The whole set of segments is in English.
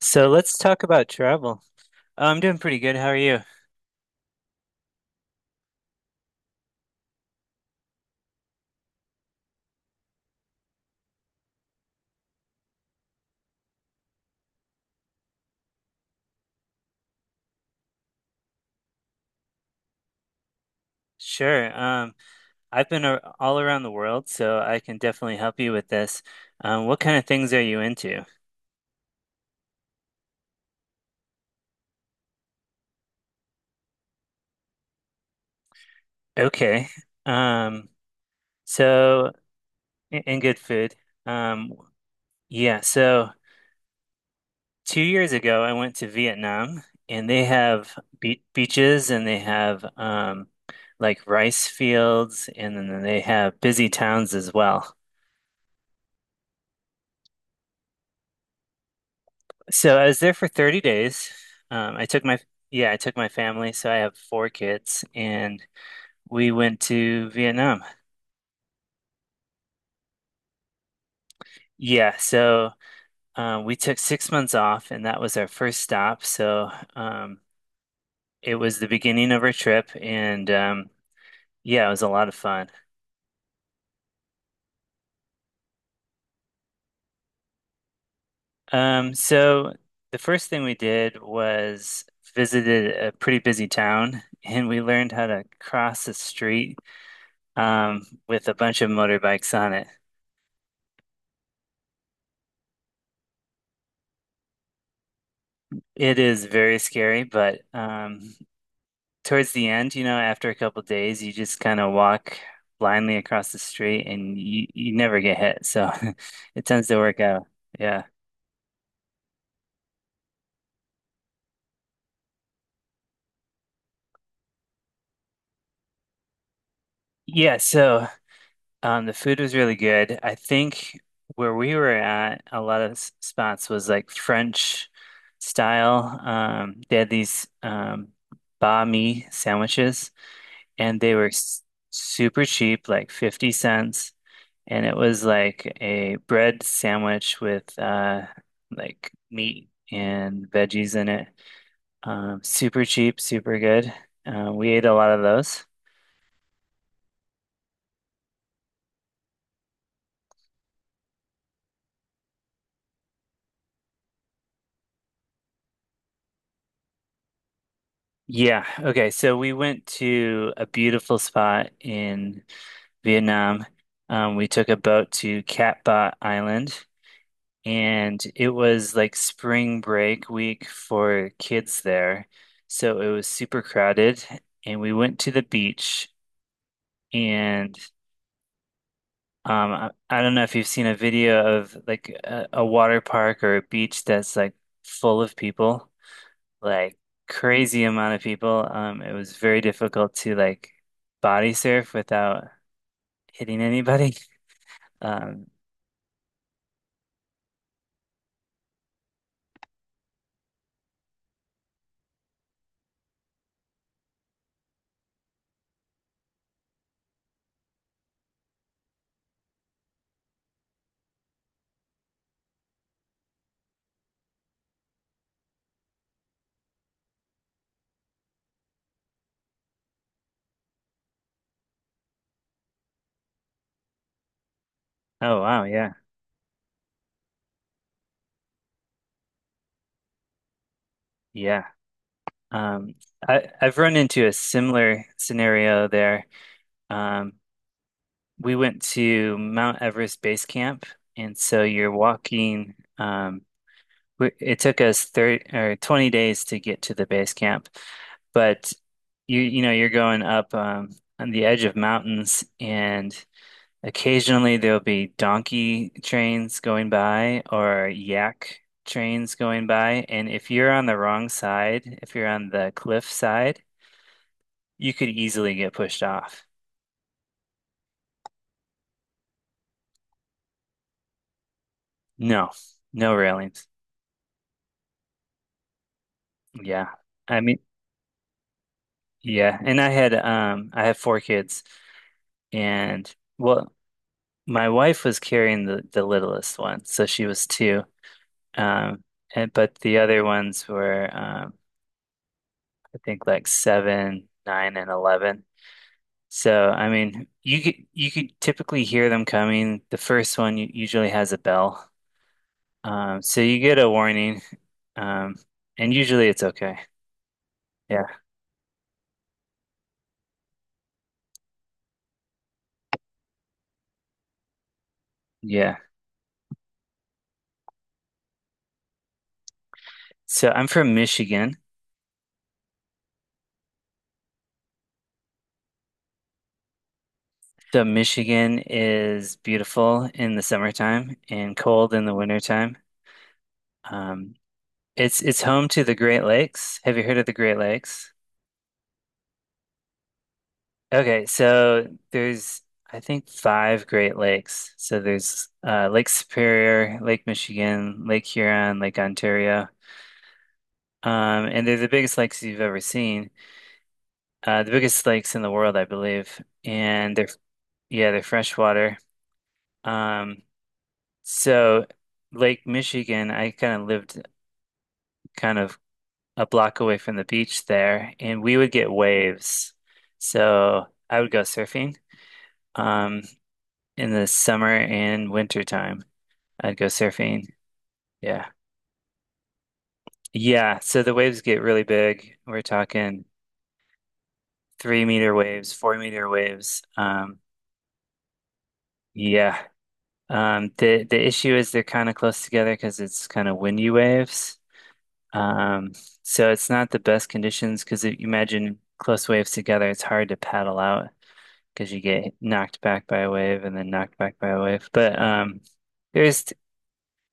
So let's talk about travel. Oh, I'm doing pretty good. How are you? Sure. I've been a all around the world, so I can definitely help you with this. What kind of things are you into? Okay. Um, so and good food. Um, yeah, so 2 years ago I went to Vietnam, and they have be beaches, and they have like rice fields, and then they have busy towns as well. So I was there for 30 days. Um, I took my yeah, I took my family, so I have four kids, and we went to Vietnam. Yeah, so we took 6 months off, and that was our first stop. Um, it was the beginning of our trip, and yeah, it was a lot of fun. Um, so the first thing we did was visited a pretty busy town, and we learned how to cross the street with a bunch of motorbikes on it. It is very scary, but towards the end, after a couple days, you just kind of walk blindly across the street, and you never get hit. So it tends to work out. Yeah. Yeah. The food was really good. I think where we were at, a lot of spots was like French style. They had these banh mi sandwiches, and they were s super cheap, like 50¢. And it was like a bread sandwich with like meat and veggies in it. Super cheap, super good. We ate a lot of those. Yeah. Okay. So we went to a beautiful spot in Vietnam. We took a boat to Cat Ba Island, and it was like spring break week for kids there. So it was super crowded, and we went to the beach, and I don't know if you've seen a video of like a water park or a beach that's like full of people, like crazy amount of people. It was very difficult to like body surf without hitting anybody. Um, oh wow, yeah, yeah. Um, I've run into a similar scenario there. Um, we went to Mount Everest Base Camp, and so you're walking. It took us 30 or 20 days to get to the base camp, but you know you're going up on the edge of mountains, and occasionally there'll be donkey trains going by or yak trains going by, and if you're on the wrong side, if you're on the cliff side, you could easily get pushed off. No, no railings. Yeah. I mean, yeah. And I had I have four kids and well. My wife was carrying the littlest one, so she was two. Um, and but the other ones were, I think like seven, 9, and 11. So I mean, you could typically hear them coming. The first one usually has a bell, so you get a warning, um, and usually it's okay. Yeah, yeah. So I'm from Michigan. So Michigan is beautiful in the summertime and cold in the wintertime. Um. It's home to the Great Lakes. Have you heard of the Great Lakes? Okay, so there's I think 5 Great Lakes. So there's Lake Superior, Lake Michigan, Lake Huron, Lake Ontario, and they're the biggest lakes you've ever seen. The biggest lakes in the world, I believe, and they're freshwater. Um, so Lake Michigan, I kind of lived kind of a block away from the beach there, and we would get waves. So I would go surfing um, in the summer and winter time. I'd go surfing. Yeah. Yeah. So the waves get really big. We're talking 3 meter waves, 4 meter waves. Yeah. The issue is they're kind of close together because it's kind of windy waves. Um, it's not the best conditions, because if you imagine close waves together, it's hard to paddle out, because you get knocked back by a wave and then knocked back by a wave. But there's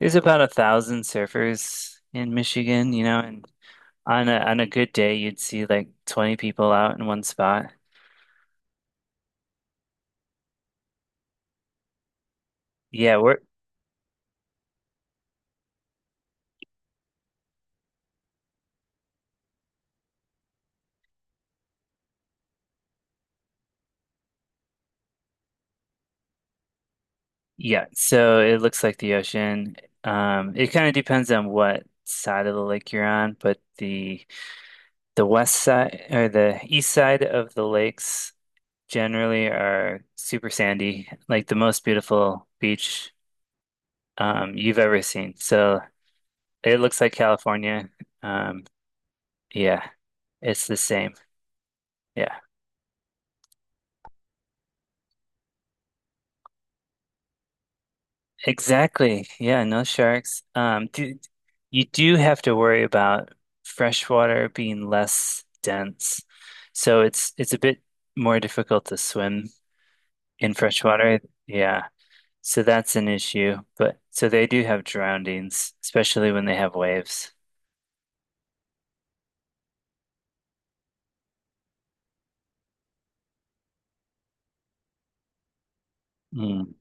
there's about 1,000 surfers in Michigan, you know, and on a good day you'd see like 20 people out in one spot. Yeah, we're yeah, so it looks like the ocean. It kind of depends on what side of the lake you're on, but the west side or the east side of the lakes generally are super sandy. Like the most beautiful beach you've ever seen. So it looks like California. Um, yeah, it's the same. Yeah, exactly. Yeah, no sharks. You do have to worry about freshwater being less dense. So it's a bit more difficult to swim in freshwater. Yeah. So that's an issue. But so they do have drownings, especially when they have waves. Mm.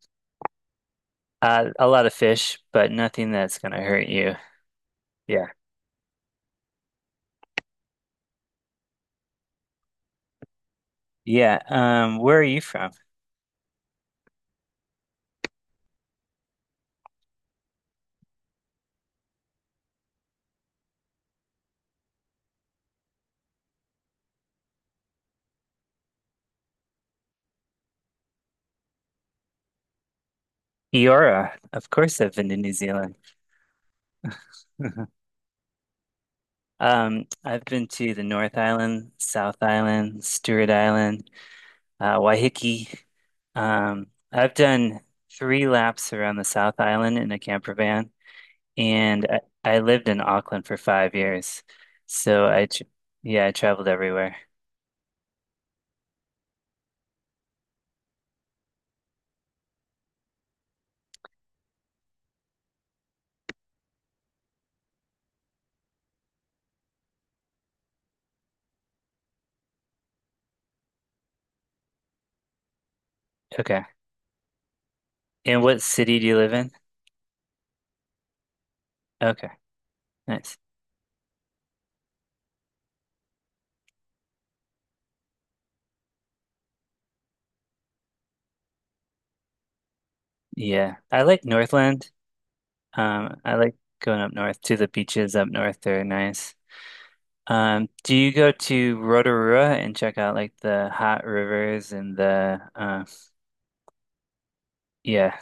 A lot of fish, but nothing that's going to hurt you. Yeah. Yeah, where are you from? Eora. Of course, I've been to New Zealand. I've been to the North Island, South Island, Stewart Island, Waiheke. I've done three laps around the South Island in a camper van, and I lived in Auckland for 5 years. So I, tr yeah, I traveled everywhere. Okay. And what city do you live in? Okay, nice. Yeah, I like Northland. I like going up north to the beaches up north. They're nice. Do you go to Rotorua and check out like the hot rivers and the yeah,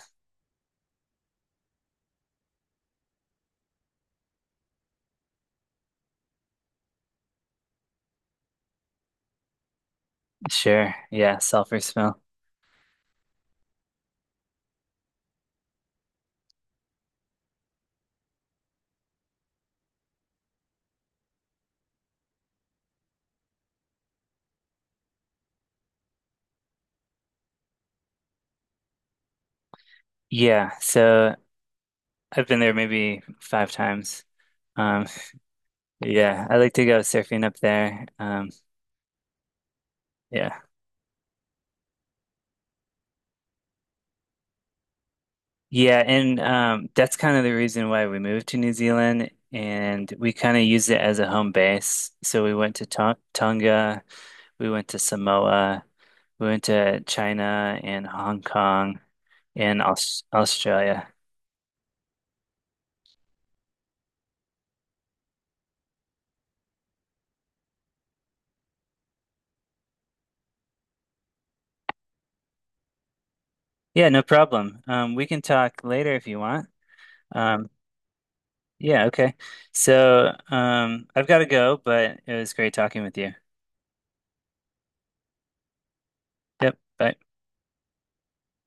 sure. Yeah, sulfur smell. Yeah, so I've been there maybe 5 times. Um, yeah, I like to go surfing up there. Yeah. Yeah, and that's kind of the reason why we moved to New Zealand, and we kind of used it as a home base. So we went to Tonga, we went to Samoa. We went to China and Hong Kong and Australia. Yeah, no problem. We can talk later if you want. Um, yeah, okay. So, I've got to go, but it was great talking with you. Yep, bye.